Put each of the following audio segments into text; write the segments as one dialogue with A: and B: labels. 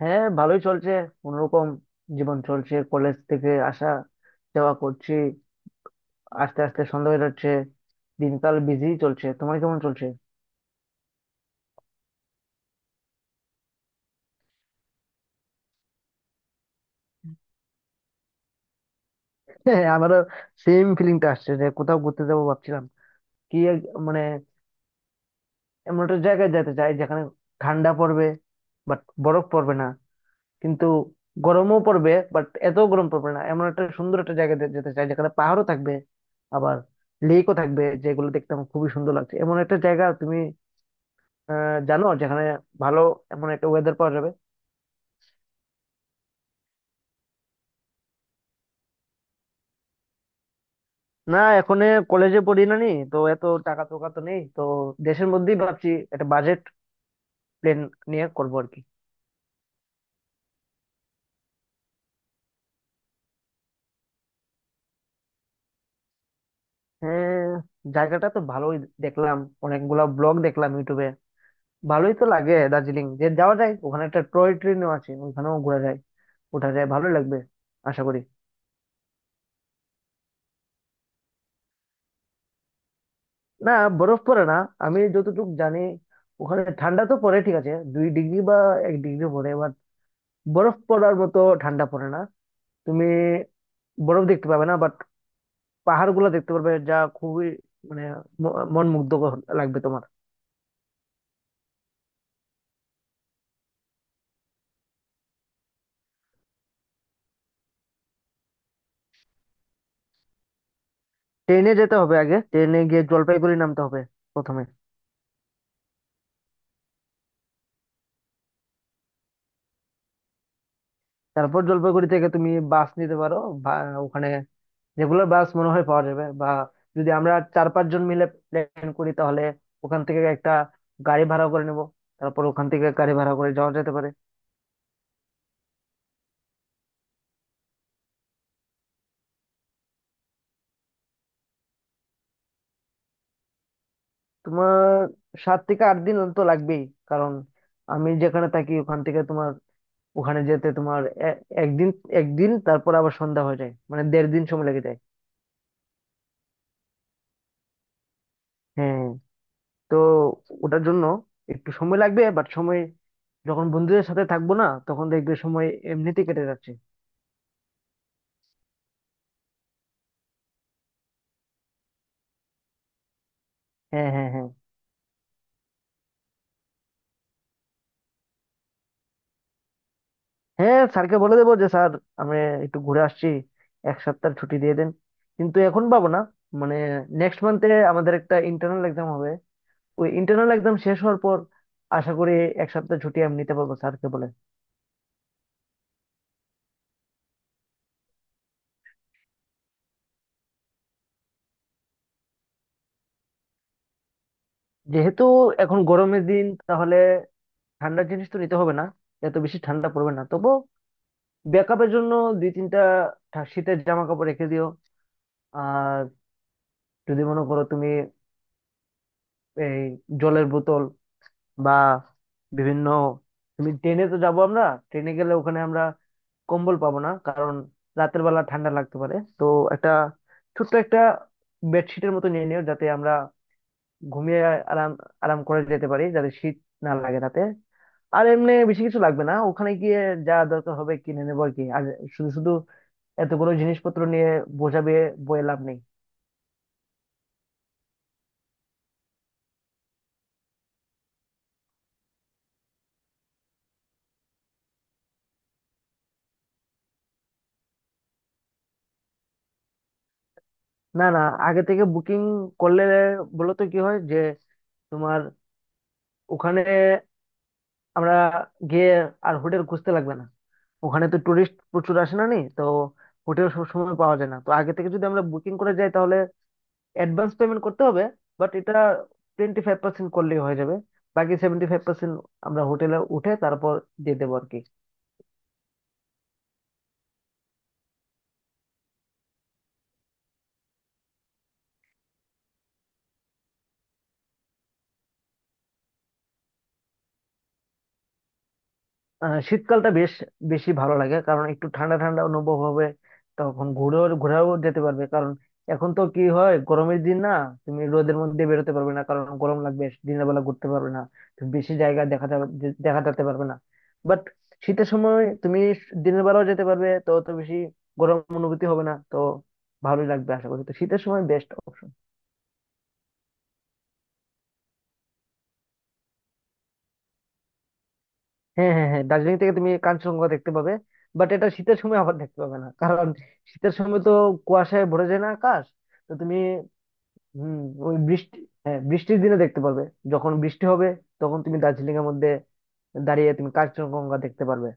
A: হ্যাঁ, ভালোই চলছে। কোনোরকম জীবন চলছে, কলেজ থেকে আসা যাওয়া করছি। আস্তে আস্তে সন্ধ্যা হয়ে যাচ্ছে, দিনকাল বিজি চলছে। তোমার কেমন চলছে? হ্যাঁ, আমারও সেম ফিলিংটা আসছে, যে কোথাও ঘুরতে যাবো ভাবছিলাম। মানে এমন একটা জায়গায় যেতে চাই যেখানে ঠান্ডা পড়বে, বাট বরফ পড়বে না। কিন্তু গরমও পড়বে, বাট এত গরম পড়বে না। এমন একটা সুন্দর একটা জায়গায় যেতে চাই, যেখানে পাহাড়ও থাকবে, আবার লেকও থাকবে, যেগুলো দেখতে আমার খুবই সুন্দর লাগছে। এমন একটা জায়গা, তুমি জানো, যেখানে ভালো এমন একটা ওয়েদার পাওয়া যাবে। না, এখন কলেজে পড়ি না নি তো, এত টাকা টোকা তো নেই তো। দেশের মধ্যেই ভাবছি, একটা বাজেট প্ল্যান নিয়ে করবো আর কি। হ্যাঁ, জায়গাটা তো ভালোই দেখলাম, অনেকগুলা ব্লগ দেখলাম ইউটিউবে। ভালোই তো লাগে দার্জিলিং, যে যাওয়া যায়। ওখানে একটা টয় ট্রেনও আছে, ওখানেও ঘোরা যায়, ওঠা যায়। ভালো লাগবে আশা করি। না, বরফ পড়ে না, আমি যতটুকু জানি। ওখানে ঠান্ডা তো পড়ে ঠিক আছে, 2 ডিগ্রি বা 1 ডিগ্রি পড়ে এবার, বরফ পড়ার মতো ঠান্ডা পড়ে না। তুমি বরফ দেখতে পাবে না, বাট পাহাড় গুলো দেখতে পারবে, যা খুবই, মানে, মন মুগ্ধ লাগবে তোমার। ট্রেনে যেতে হবে। আগে ট্রেনে গিয়ে জলপাইগুড়ি নামতে হবে প্রথমে। তারপর জলপাইগুড়ি থেকে তুমি বাস নিতে পারো, বা ওখানে রেগুলার বাস মনে হয় পাওয়া যাবে। বা যদি আমরা চার পাঁচ জন মিলে প্ল্যান করি, তাহলে ওখান থেকে একটা গাড়ি ভাড়া করে নেব। তারপর ওখান থেকে গাড়ি ভাড়া করে যাওয়া যেতে পারে। তোমার 7 থেকে 8 দিন তো লাগবেই, কারণ আমি যেখানে থাকি ওখান থেকে তোমার ওখানে যেতে তোমার এ- একদিন, একদিন, তারপর আবার সন্ধ্যা হয়ে যায়, মানে 1.5 দিন সময় লেগে যায়। হ্যাঁ, তো ওটার জন্য একটু সময় লাগবে, বাট সময়, যখন বন্ধুদের সাথে থাকবো না, তখন দেখবে সময় এমনিতে কেটে যাচ্ছে। হ্যাঁ হ্যাঁ, স্যারকে বলে দেবো যে স্যার, আমরা একটু ঘুরে আসছি, 1 সপ্তাহ ছুটি দিয়ে দেন। কিন্তু এখন পাবো না, মানে নেক্সট মান্থে আমাদের একটা ইন্টারনাল এক্সাম হবে। ওই ইন্টারনাল এক্সাম শেষ হওয়ার পর আশা করি 1 সপ্তাহ ছুটি আমি নিতে পারবো স্যারকে বলে। যেহেতু এখন গরমের দিন, তাহলে ঠান্ডার জিনিস তো নিতে হবে না, এত বেশি ঠান্ডা পড়বে না। তবু ব্যাকআপের জন্য দুই তিনটা শীতের জামা কাপড় রেখে দিও। আর যদি মনে করো তুমি এই জলের বোতল বা বিভিন্ন, তুমি ট্রেনে তো যাবো আমরা। ট্রেনে গেলে ওখানে আমরা কম্বল পাবো না, কারণ রাতের বেলা ঠান্ডা লাগতে পারে। তো একটা ছোট্ট একটা বেডশিটের মতো নিয়ে নিও, যাতে আমরা ঘুমিয়ে আরাম আরাম করে যেতে পারি, যাতে শীত না লাগে রাতে। আর এমনি বেশি কিছু লাগবে না, ওখানে গিয়ে যা দরকার হবে কিনে নেবো আর কি। আর শুধু শুধু এতগুলো জিনিসপত্র নিয়ে বোঝাবে বয়ে লাভ নেই। না না, আগে থেকে বুকিং করলে বলতো কি হয়, যে তোমার ওখানে আমরা গিয়ে আর হোটেল খুঁজতে লাগবে না। ওখানে তো টুরিস্ট প্রচুর আসে না নি তো, হোটেল সবসময় পাওয়া যায় না। তো আগে থেকে যদি আমরা বুকিং করে যাই, তাহলে অ্যাডভান্স পেমেন্ট করতে হবে, বাট এটা 25% করলেই হয়ে যাবে। বাকি 75% আমরা হোটেলে উঠে তারপর দিয়ে দেবো আর কি। আহ, শীতকালটা বেশ বেশি ভালো লাগে, কারণ একটু ঠান্ডা ঠান্ডা অনুভব হবে। তখন ঘুরেও ঘোরাও যেতে পারবে, কারণ এখন তো কি হয়, গরমের দিন না, তুমি রোদের মধ্যে বেরোতে পারবে না, কারণ গরম লাগবে। দিনের বেলা ঘুরতে পারবে না তুমি, বেশি জায়গা দেখা যেতে পারবে না। বাট শীতের সময় তুমি দিনের বেলাও যেতে পারবে, তো অত বেশি গরম অনুভূতি হবে না। তো ভালোই লাগবে আশা করি, তো শীতের সময় বেস্ট অপশন। হ্যাঁ হ্যাঁ হ্যাঁ দার্জিলিং থেকে তুমি কাঞ্চনজঙ্ঘা দেখতে পাবে। বাট এটা শীতের সময় আবার দেখতে পাবে না, কারণ শীতের সময় তো কুয়াশায় ভরে যায় না আকাশ। তো তুমি হম, ওই বৃষ্টি, হ্যাঁ, বৃষ্টির দিনে দেখতে পাবে। যখন বৃষ্টি হবে, তখন তুমি দার্জিলিং এর মধ্যে দাঁড়িয়ে তুমি কাঞ্চনজঙ্ঘা দেখতে পারবে।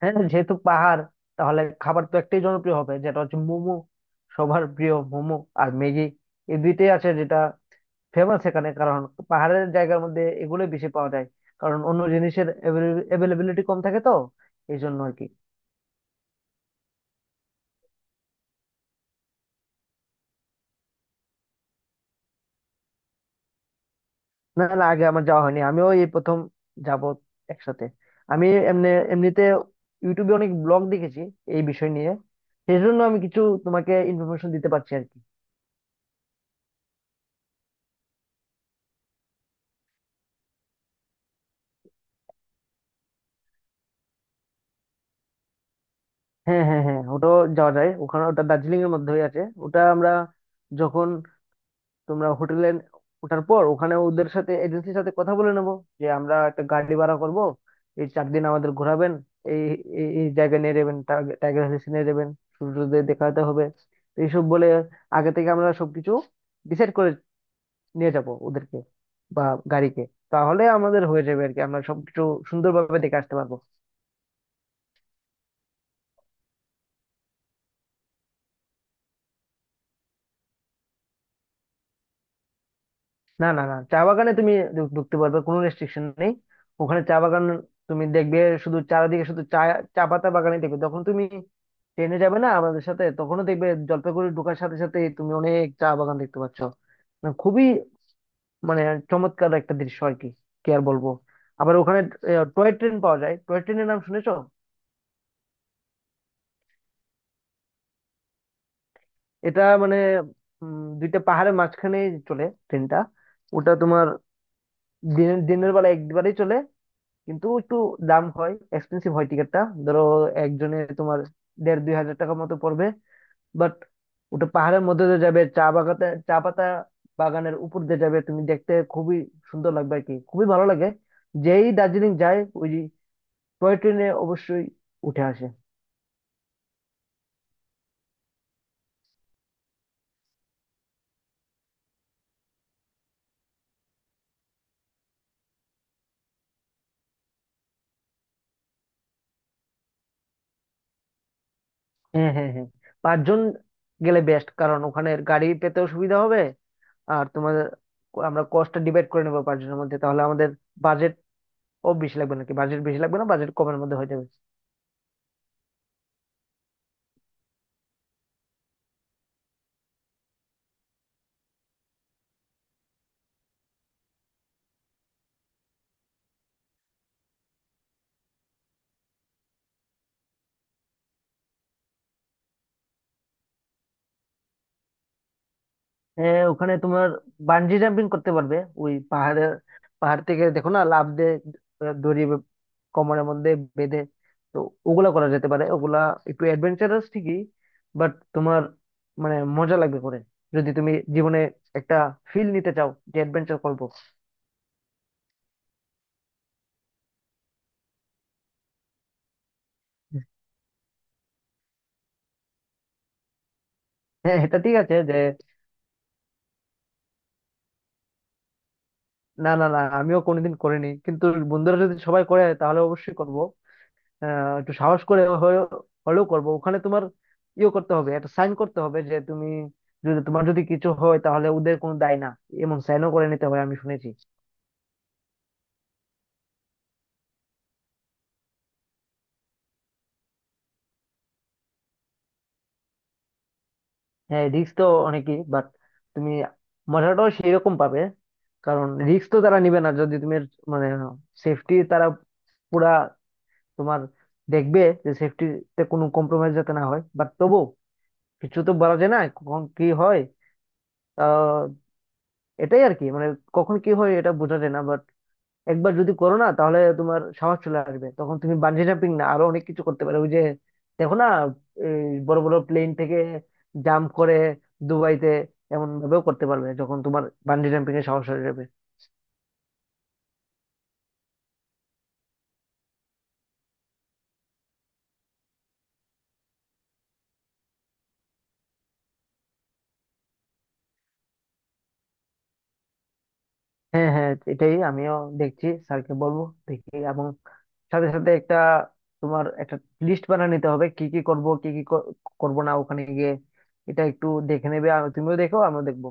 A: হ্যাঁ, যেহেতু পাহাড়, তাহলে খাবার তো একটাই জনপ্রিয় হবে, যেটা হচ্ছে মোমো। সবার প্রিয় মোমো আর ম্যাগি, এই দুইটাই আছে যেটা ফেমাস এখানে। কারণ পাহাড়ের জায়গার মধ্যে এগুলোই বেশি পাওয়া যায়, কারণ অন্য জিনিসের অ্যাভেলেবিলিটি কম থাকে তো, এই জন্য আর কি। না না, আগে আমার যাওয়া হয়নি, আমিও এই প্রথম যাব একসাথে। আমি এমনি এমনিতে ইউটিউবে অনেক ব্লগ দেখেছি এই বিষয় নিয়ে। সেই জন্য আমি কিছু তোমাকে ইনফরমেশন দিতে পারছি আর কি। হ্যাঁ হ্যাঁ হ্যাঁ ওটাও যাওয়া যায়। ওখানে ওটা দার্জিলিং এর মধ্যেই আছে। ওটা আমরা, যখন তোমরা হোটেলে ওঠার পর, ওখানে ওদের সাথে এজেন্সির সাথে কথা বলে নেবো যে আমরা একটা গাড়ি ভাড়া করব এই 4 দিন। আমাদের ঘোরাবেন এই এই এই জায়গায় নিয়ে যাবেন, টাইগার হিলস নিয়ে যাবেন, সূর্যোদয় দেখাতে হবে। তো এইসব বলে আগে থেকে আমরা সবকিছু ডিসাইড করে নিয়ে যাব ওদেরকে বা গাড়িকে। তাহলে আমাদের হয়ে যাবে আর কি, আমরা সবকিছু সুন্দরভাবে দেখে আসতে পারবো। না না না, চা বাগানে তুমি ঢুকতে পারবে, কোনো রেস্ট্রিকশন নেই। ওখানে চা বাগান তুমি দেখবে, শুধু চারিদিকে শুধু চা চা পাতা বাগানে দেখবে। যখন তুমি ট্রেনে যাবে না আমাদের সাথে, তখনও দেখবে জলপাইগুড়ি ঢোকার সাথে সাথে তুমি অনেক চা বাগান দেখতে পাচ্ছ। মানে খুবই, মানে, চমৎকার একটা দৃশ্য আর কি, কি আর বলবো। আবার ওখানে টয় ট্রেন পাওয়া যায়, টয় ট্রেনের নাম শুনেছো? এটা মানে, দুইটা পাহাড়ের মাঝখানে চলে ট্রেনটা। ওটা তোমার দিনের দিনের বেলা একবারেই চলে, কিন্তু একটু দাম হয়, এক্সপেন্সিভ হয় টিকিটটা। ধরো, একজনে তোমার দেড় দুই হাজার টাকার মতো পড়বে। বাট ওটা পাহাড়ের মধ্যে দিয়ে যাবে, চা বাগাতে চা পাতা বাগানের উপর দিয়ে যাবে, তুমি দেখতে খুবই সুন্দর লাগবে আর কি, খুবই ভালো লাগে। যেই দার্জিলিং যায়, ওই টয় ট্রেনে অবশ্যই উঠে আসে। হ্যাঁ হ্যাঁ হ্যাঁ পাঁচজন গেলে বেস্ট, কারণ ওখানে গাড়ি পেতেও সুবিধা হবে। আর তোমার আমরা কস্টটা ডিভাইড করে নেবো পাঁচজনের মধ্যে, তাহলে আমাদের বাজেট ও বেশি লাগবে নাকি, বাজেট বেশি লাগবে না, বাজেট কমের মধ্যে হয়ে যাবে। হ্যাঁ, ওখানে তোমার বানজি জাম্পিং করতে পারবে, ওই পাহাড় থেকে, দেখো না, লাফ দিয়ে, আহ, দড়ি কোমরের মধ্যে বেঁধে। তো ওগুলা করা যেতে পারে, ওগুলা একটু অ্যাডভেঞ্চারাস ঠিকই, বাট তোমার মানে মজা লাগবে করে, যদি তুমি জীবনে একটা ফিল নিতে চাও যে অ্যাডভেঞ্চার করবো। হ্যাঁ, এটা ঠিক আছে যে না না না, আমিও কোনোদিন করিনি, কিন্তু বন্ধুরা যদি সবাই করে তাহলে অবশ্যই করব। আহ, একটু সাহস করে হলেও করব। ওখানে তোমার ইয়ে করতে হবে, একটা সাইন করতে হবে যে তুমি, যদি তোমার যদি কিছু হয় তাহলে ওদের কোনো দায় না, এমন সাইনও করে নিতে হয়, আমি শুনেছি। হ্যাঁ, রিস্ক তো অনেকই, বাট তুমি মজাটাও সেই রকম পাবে। কারণ রিস্ক তো তারা নিবে না, যদি তুমি, মানে, সেফটি তারা পুরা তোমার দেখবে, যে সেফটিতে কোনো কম্প্রোমাইজ যাতে না হয়, বাট তবু কিছু তো বলা যায় না, কখন কি হয়। আহ, এটাই আর কি, মানে, কখন কি হয় এটা বোঝা যায় না। একবার যদি করো না, তাহলে তোমার সাহস চলে আসবে, তখন তুমি বানজি জাম্পিং না, আরো অনেক কিছু করতে পারো। ওই যে, দেখো না, এই বড় বড় প্লেন থেকে জাম্প করে দুবাইতে, এমন ভাবেও করতে পারবে, যখন তোমার বানজি জাম্পিং এর সাহস হয়ে যাবে। হ্যাঁ হ্যাঁ এটাই আমিও দেখছি, স্যারকে বলবো দেখি, এবং সাথে সাথে একটা তোমার একটা লিস্ট বানিয়ে নিতে হবে, কি কি করব, কি কি করব না ওখানে গিয়ে। এটা একটু দেখে নেবে, আর তুমিও দেখো, আমিও দেখবো।